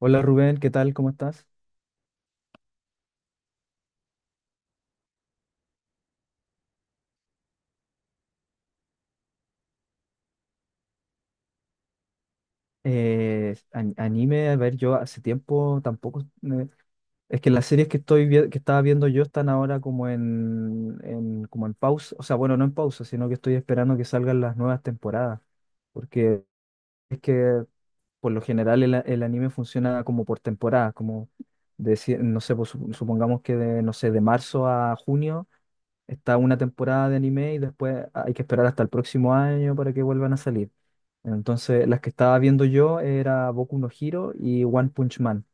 Hola Rubén, ¿qué tal? ¿Cómo estás? Anime, a ver, yo hace tiempo tampoco. Es que las series que que estaba viendo yo están ahora como como en pausa, o sea, bueno, no en pausa, sino que estoy esperando que salgan las nuevas temporadas, porque es que por lo general el anime funciona como por temporadas, como no sé, pues, supongamos que de, no sé, de marzo a junio. Está una temporada de anime y después hay que esperar hasta el próximo año para que vuelvan a salir. Entonces, las que estaba viendo yo era Boku no Hero y One Punch Man.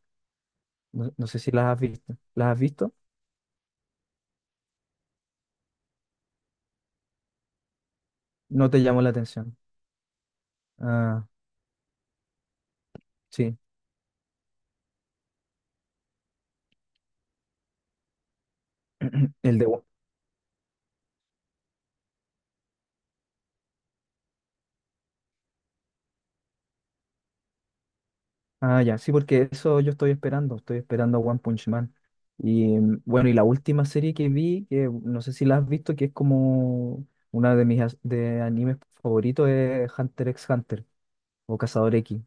No, no sé si las has visto. ¿Las has visto? No te llamó la atención. Ah, sí. El de... One- Ah, ya. Sí, porque eso yo estoy esperando. Estoy esperando a One Punch Man. Y bueno, y la última serie que vi, que no sé si la has visto, que es como una de de animes favoritos, es Hunter x Hunter o Cazador X.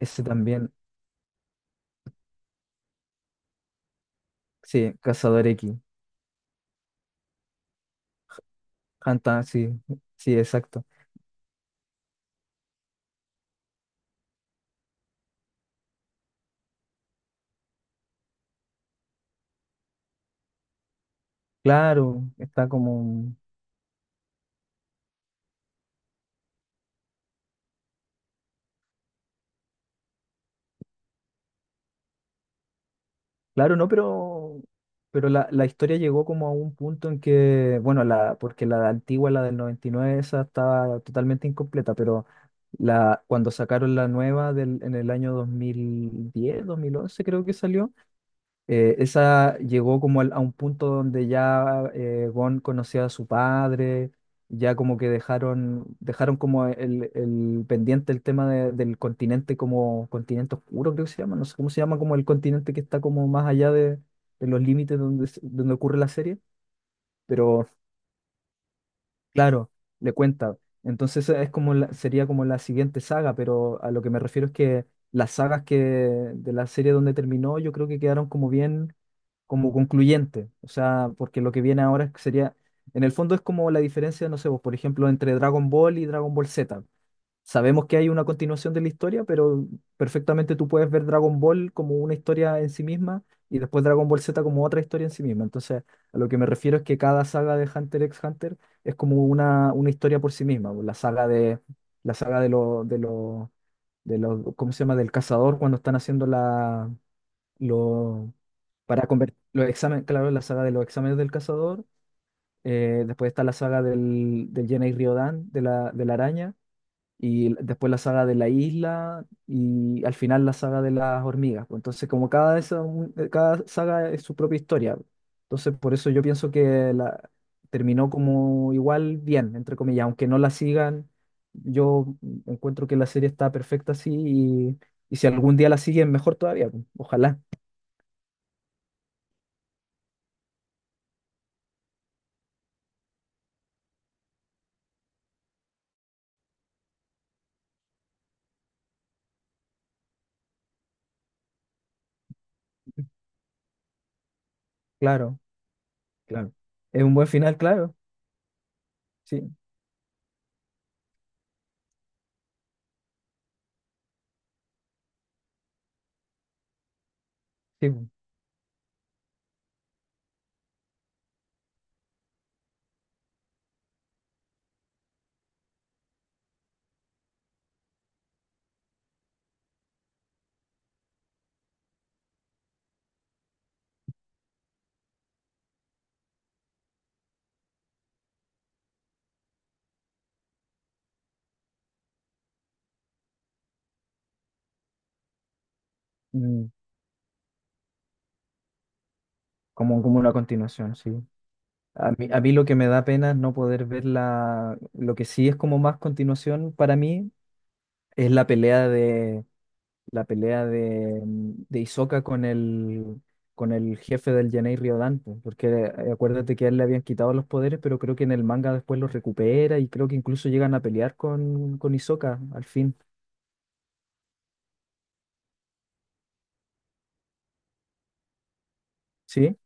Ese también. Sí, Cazador X. Hunter, sí, sí, exacto. Claro, está como. Claro, no, pero. Pero la historia llegó como a un punto en que, bueno, porque la antigua, la del 99, esa estaba totalmente incompleta, pero cuando sacaron en el año 2010, 2011, creo que salió. Esa llegó como a un punto donde ya Gon conocía a su padre, ya como que dejaron, dejaron como el pendiente el tema del continente como continente oscuro, creo que se llama, no sé cómo se llama, como el continente que está como más allá de los límites donde, donde ocurre la serie, pero claro, le cuenta. Entonces es como sería como la siguiente saga, pero a lo que me refiero es que las sagas que de la serie donde terminó, yo creo que quedaron como bien, como concluyente. O sea, porque lo que viene ahora sería, en el fondo, es como la diferencia, no sé, vos, por ejemplo, entre Dragon Ball y Dragon Ball Z. Sabemos que hay una continuación de la historia, pero perfectamente tú puedes ver Dragon Ball como una historia en sí misma y después Dragon Ball Z como otra historia en sí misma. Entonces, a lo que me refiero es que cada saga de Hunter x Hunter es como una historia por sí misma, pues. La saga de los, ¿cómo se llama? Del cazador cuando están haciendo lo, para convertir los exámenes, claro, la saga de los exámenes del cazador. Después está la saga del Jenna y Riodan, de la araña, después la saga de la isla, y al final la saga de las hormigas, pues. Entonces, como cada saga es su propia historia, pues. Entonces, por eso yo pienso que terminó como igual bien, entre comillas. Aunque no la sigan, yo encuentro que la serie está perfecta así, y si algún día la siguen, mejor todavía, pues. Ojalá, claro. Claro. Es un buen final, claro. Sí, sí. mm, como una continuación, sí. A mí lo que me da pena es no poder ver la, lo que sí es como más continuación para mí es la pelea de, de Hisoka con el jefe del Yanei Riodan, pues, porque acuérdate que a él le habían quitado los poderes, pero creo que en el manga después los recupera y creo que incluso llegan a pelear con Hisoka al fin. ¿Sí?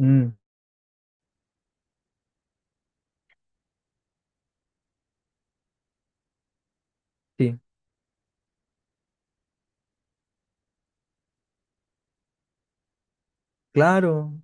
Mm, sí. Claro.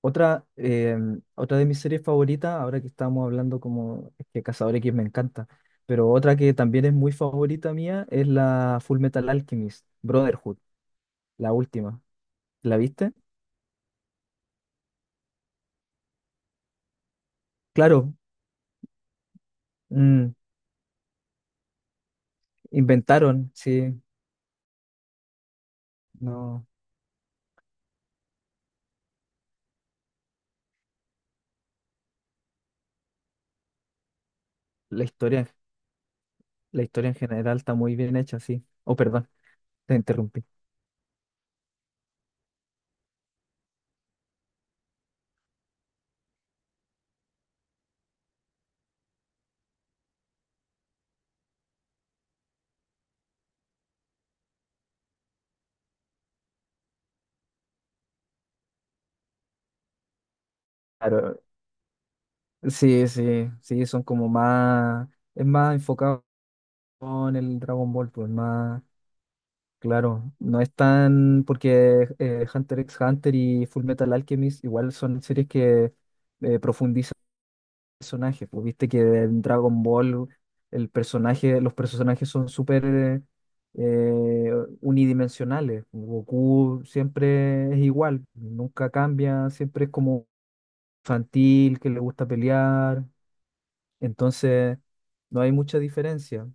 Otra, otra de mis series favoritas, ahora que estábamos hablando como es que Cazador X me encanta, pero otra que también es muy favorita mía es la Full Metal Alchemist, Brotherhood, la última. ¿La viste? Claro, mm, inventaron, sí, no, la historia, la historia en general está muy bien hecha, sí. Oh, perdón, te interrumpí. Claro, sí, sí, sí, es más enfocado en el Dragon Ball, pues más. Claro, no es tan porque Hunter x Hunter y Full Metal Alchemist igual son series que profundizan personajes. Pues viste que en Dragon Ball los personajes son súper eh, unidimensionales, pues. Goku siempre es igual, nunca cambia, siempre es como infantil, que le gusta pelear. Entonces no hay mucha diferencia.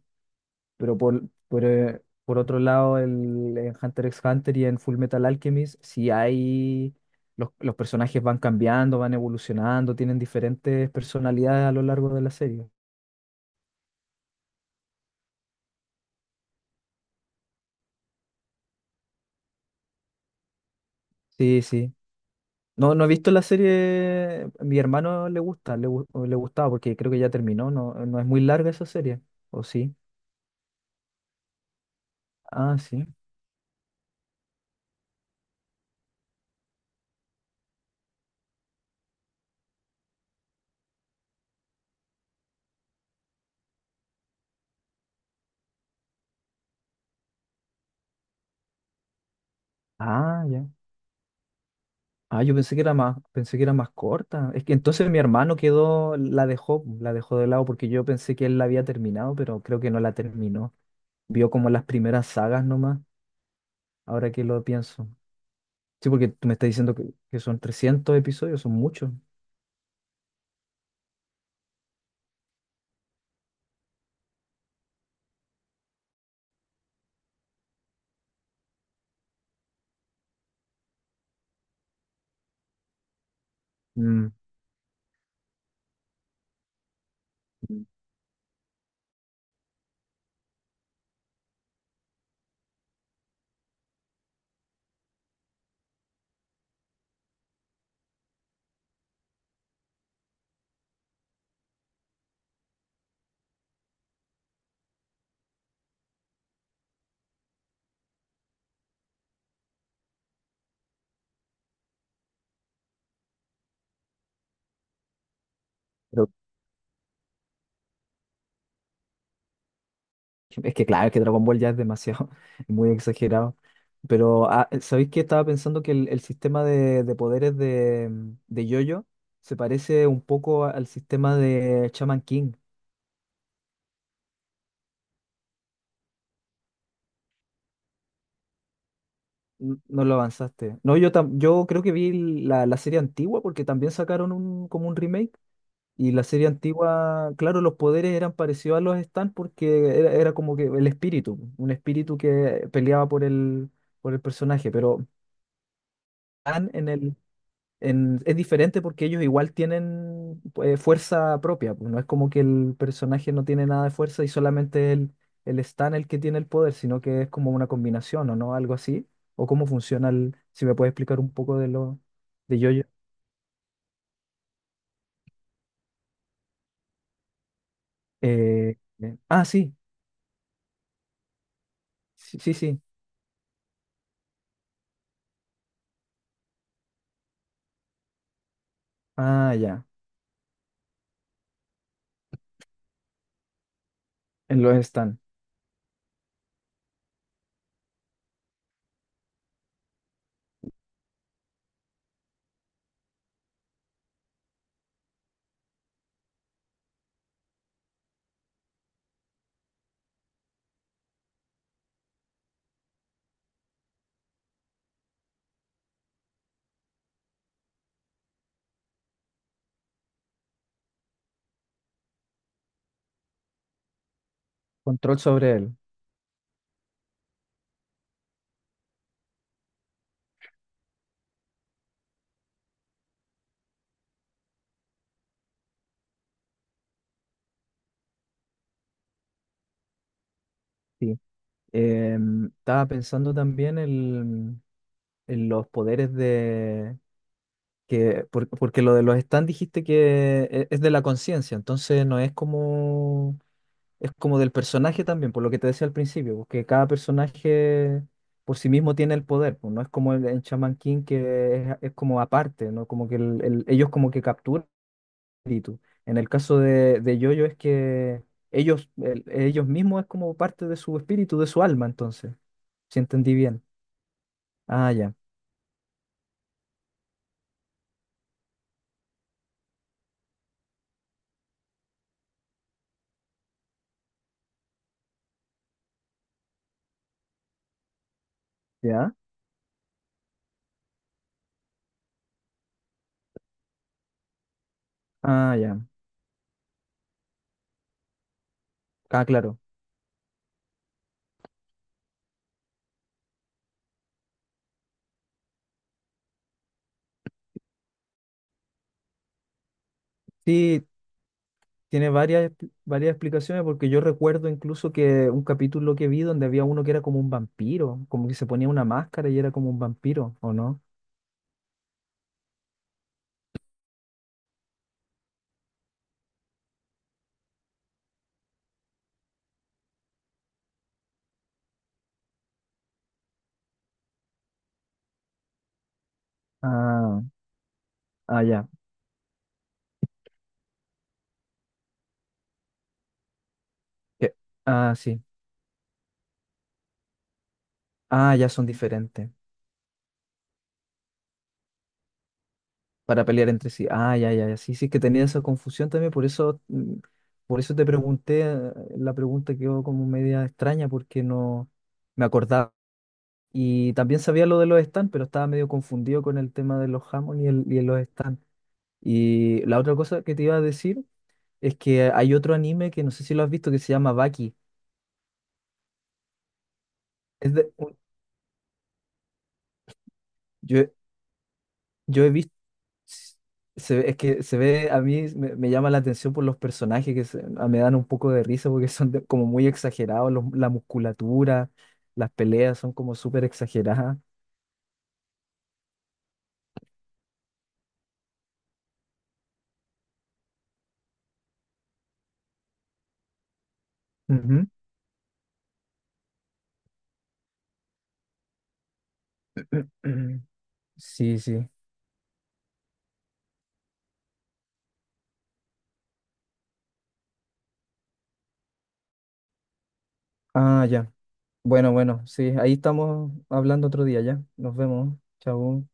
Pero por otro lado, en Hunter x Hunter y en Full Metal Alchemist, si hay. Los personajes van cambiando, van evolucionando, tienen diferentes personalidades a lo largo de la serie. Sí, sí. No, no he visto la serie. Mi hermano le gusta, le gustaba porque creo que ya terminó. No, no es muy larga esa serie. ¿O sí? Ah, sí. Ah, ya. Ah, yo pensé que era más, pensé que era más corta. Es que entonces mi hermano quedó, la dejó de lado porque yo pensé que él la había terminado, pero creo que no la terminó. Vio como las primeras sagas nomás, ahora que lo pienso. Sí, porque tú me estás diciendo que son 300 episodios, son muchos. Mm. Pero es que claro, es que Dragon Ball ya es demasiado, es muy exagerado. Pero ah, ¿sabéis que estaba pensando que el sistema de poderes de JoJo se parece un poco al sistema de Shaman King? No lo avanzaste. No, yo creo que vi la serie antigua porque también sacaron como un remake. Y la serie antigua, claro, los poderes eran parecidos a los Stan porque era como que el espíritu, un espíritu que peleaba por por el personaje. Pero Stan es diferente porque ellos igual tienen fuerza propia, pues, no es como que el personaje no tiene nada de fuerza y solamente el Stan el que tiene el poder, sino que es como una combinación o no, algo así, o cómo funciona el, si me puedes explicar un poco de lo de yo. Ah, sí, sí, sí, sí, ah, ya, en los Stan, control sobre él, sí. Estaba pensando también en los poderes de porque lo de los stands dijiste que es de la conciencia, entonces no es como, es como del personaje también, por lo que te decía al principio, porque cada personaje por sí mismo tiene el poder, pues, no es como en Shaman King, que es como aparte, ¿no? Como que ellos como que capturan el espíritu. En el caso de Yoyo es que ellos, ellos mismos es como parte de su espíritu, de su alma, entonces, si entendí bien. Ah, ya. ¿Ya? Ah, ya. Ah, claro. Sí, tiene varias explicaciones porque yo recuerdo incluso que un capítulo que vi donde había uno que era como un vampiro, como que se ponía una máscara y era como un vampiro, ¿o no? Ah, ah, ya. Que- Ah, sí. Ah, ya son diferentes para pelear entre sí. Ah, ya, ya, ya. Sí, sí, es que tenía esa confusión también, por eso, por eso te pregunté, la pregunta quedó como media extraña porque no me acordaba. Y también sabía lo de los stands, pero estaba medio confundido con el tema de los jamón y, y los stands. Y la otra cosa que te iba a decir es que hay otro anime que no sé si lo has visto que se llama Baki. Es de, un- yo, yo he visto, es que se ve, a mí me llama la atención por los personajes me dan un poco de risa porque son como muy exagerados, la musculatura, las peleas son como súper exageradas. Ujú. Sí, sí. Ah, ya. Bueno, bueno, sí, ahí estamos hablando otro día ya. Nos vemos. Chao.